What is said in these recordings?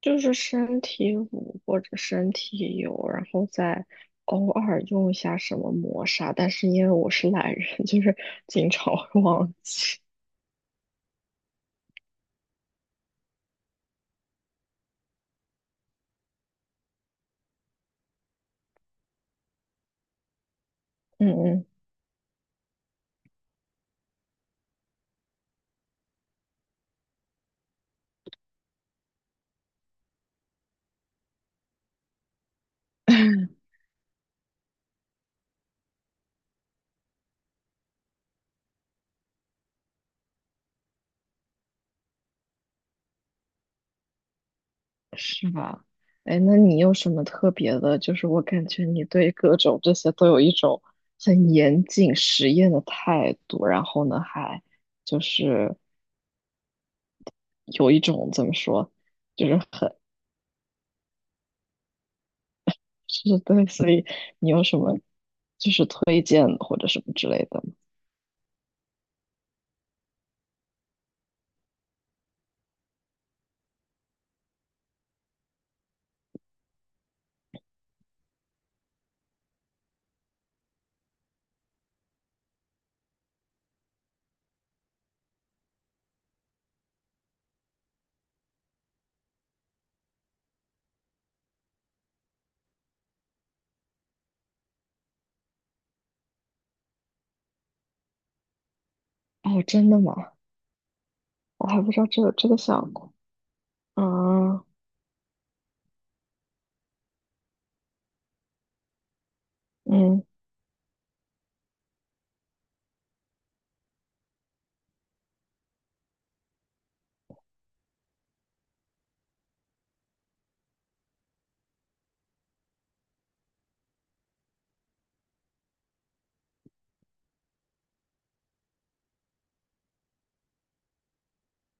就是身体乳或者身体油，然后再偶尔用一下什么磨砂，但是因为我是懒人，经常会忘记。嗯嗯。是吧？哎，那你有什么特别的？就是我感觉你对各种这些都有一种很严谨实验的态度，然后呢，还就是有一种怎么说，就是很 是，对，所以你有什么就是推荐或者什么之类的吗？哦，真的吗？我还不知道这有这个效果。啊。嗯。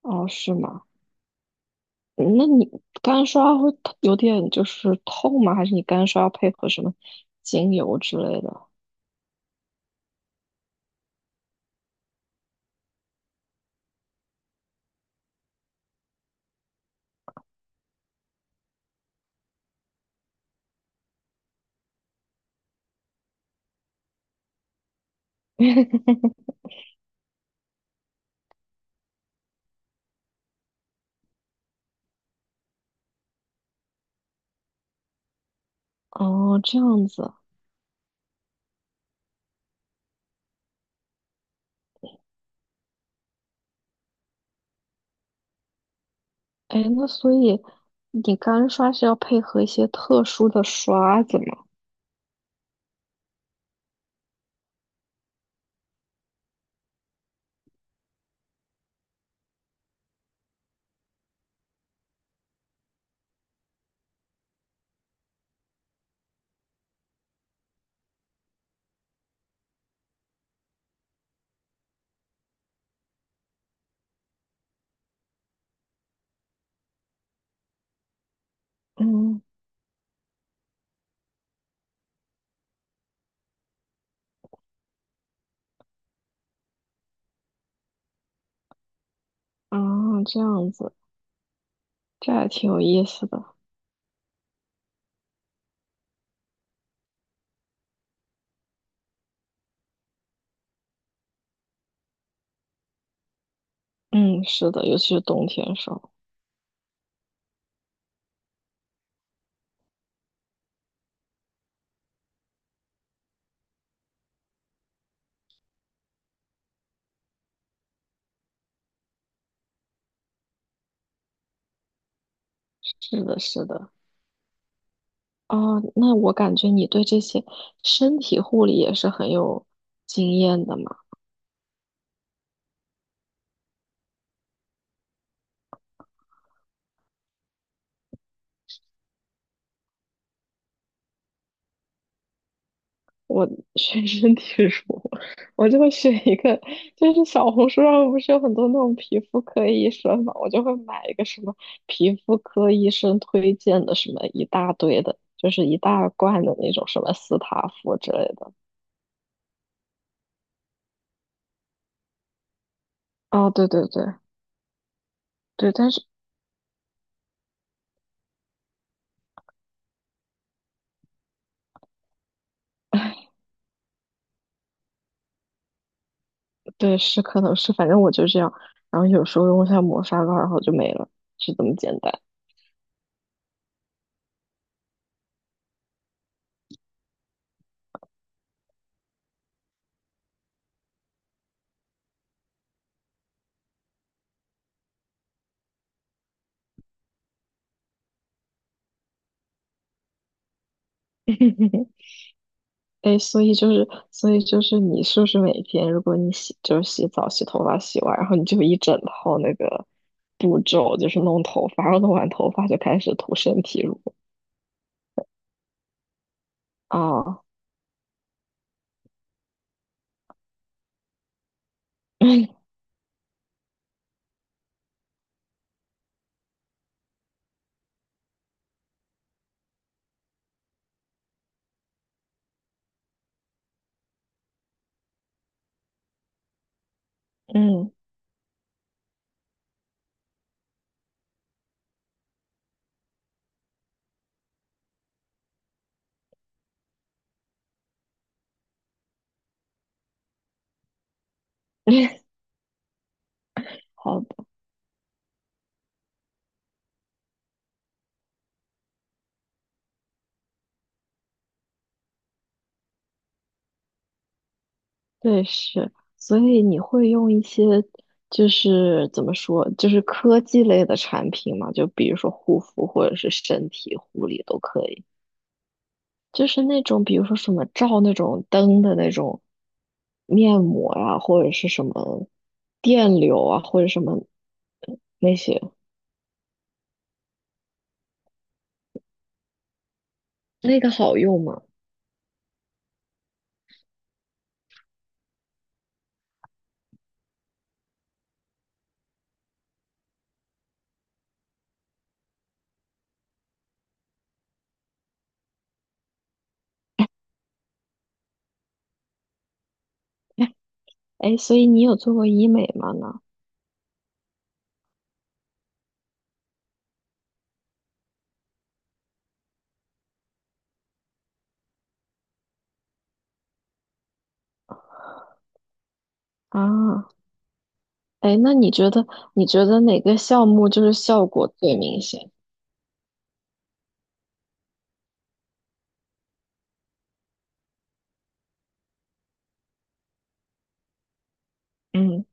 哦，是吗？嗯，那你干刷会有点就是痛吗？还是你干刷要配合什么精油之类的？哦，这样子啊。哎，那所以你干刷是要配合一些特殊的刷子吗？嗯。啊，这样子，这还挺有意思的。嗯，是的，尤其是冬天的时候。是的，是的。哦，那我感觉你对这些身体护理也是很有经验的嘛。我学 身体乳，我就会选一个，就是小红书上不是有很多那种皮肤科医生嘛，我就会买一个什么皮肤科医生推荐的什么一大堆的，就是一大罐的那种什么斯塔芙之类的。哦，对对对对。但是对，是可能是，反正我就这样，然后有时候用一下磨砂膏，然后就没了，是这么简单。哎，所以就是，所以就是，你是不是每天，如果你洗，就是洗澡、洗头发、洗完，然后你就一整套那个步骤，就是弄头发，然后弄完头发就开始涂身体乳啊。嗯。好的。对，是，所以你会用一些，就是怎么说，就是科技类的产品嘛，就比如说护肤或者是身体护理都可以。就是那种比如说什么照那种灯的那种面膜呀、或者是什么电流啊，或者什么那些，那个好用吗？哎哎，所以你有做过医美吗呢？啊。哎，那你觉得哪个项目就是效果最明显？嗯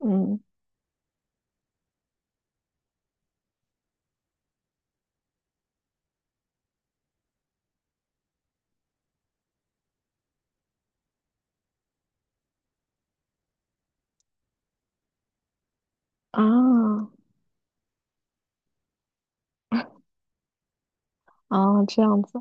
嗯。啊。啊，这样子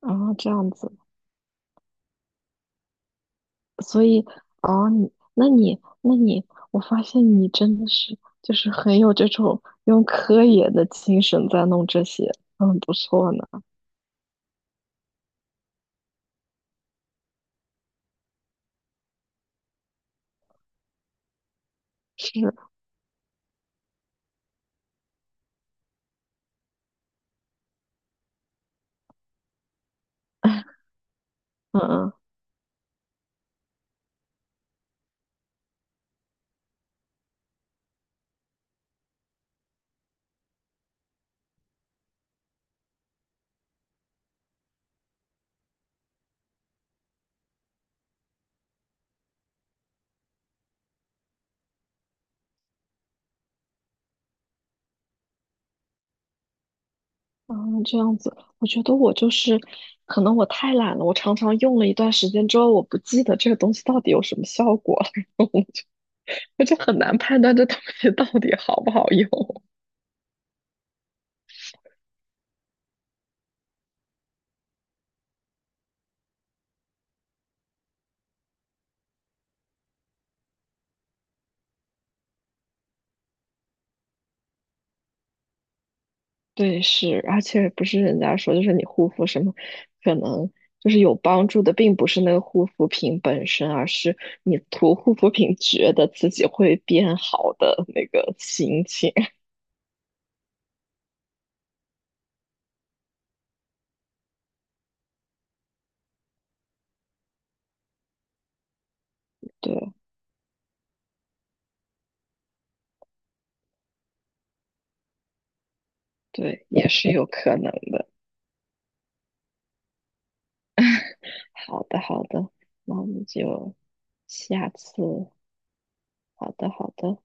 啊，这样子。所以哦，你，我发现你真的是就是很有这种用科研的精神在弄这些，嗯，不错呢。是。嗯嗯嗯，这样子，我觉得我就是可能我太懒了，我常常用了一段时间之后，我不记得这个东西到底有什么效果了，我就很难判断这东西到底好不好用。对，是，而且不是人家说，就是你护肤什么，可能就是有帮助的，并不是那个护肤品本身，而是你涂护肤品觉得自己会变好的那个心情。对对，也是有可能的。好的，好的，那我们就下次，好的，好的。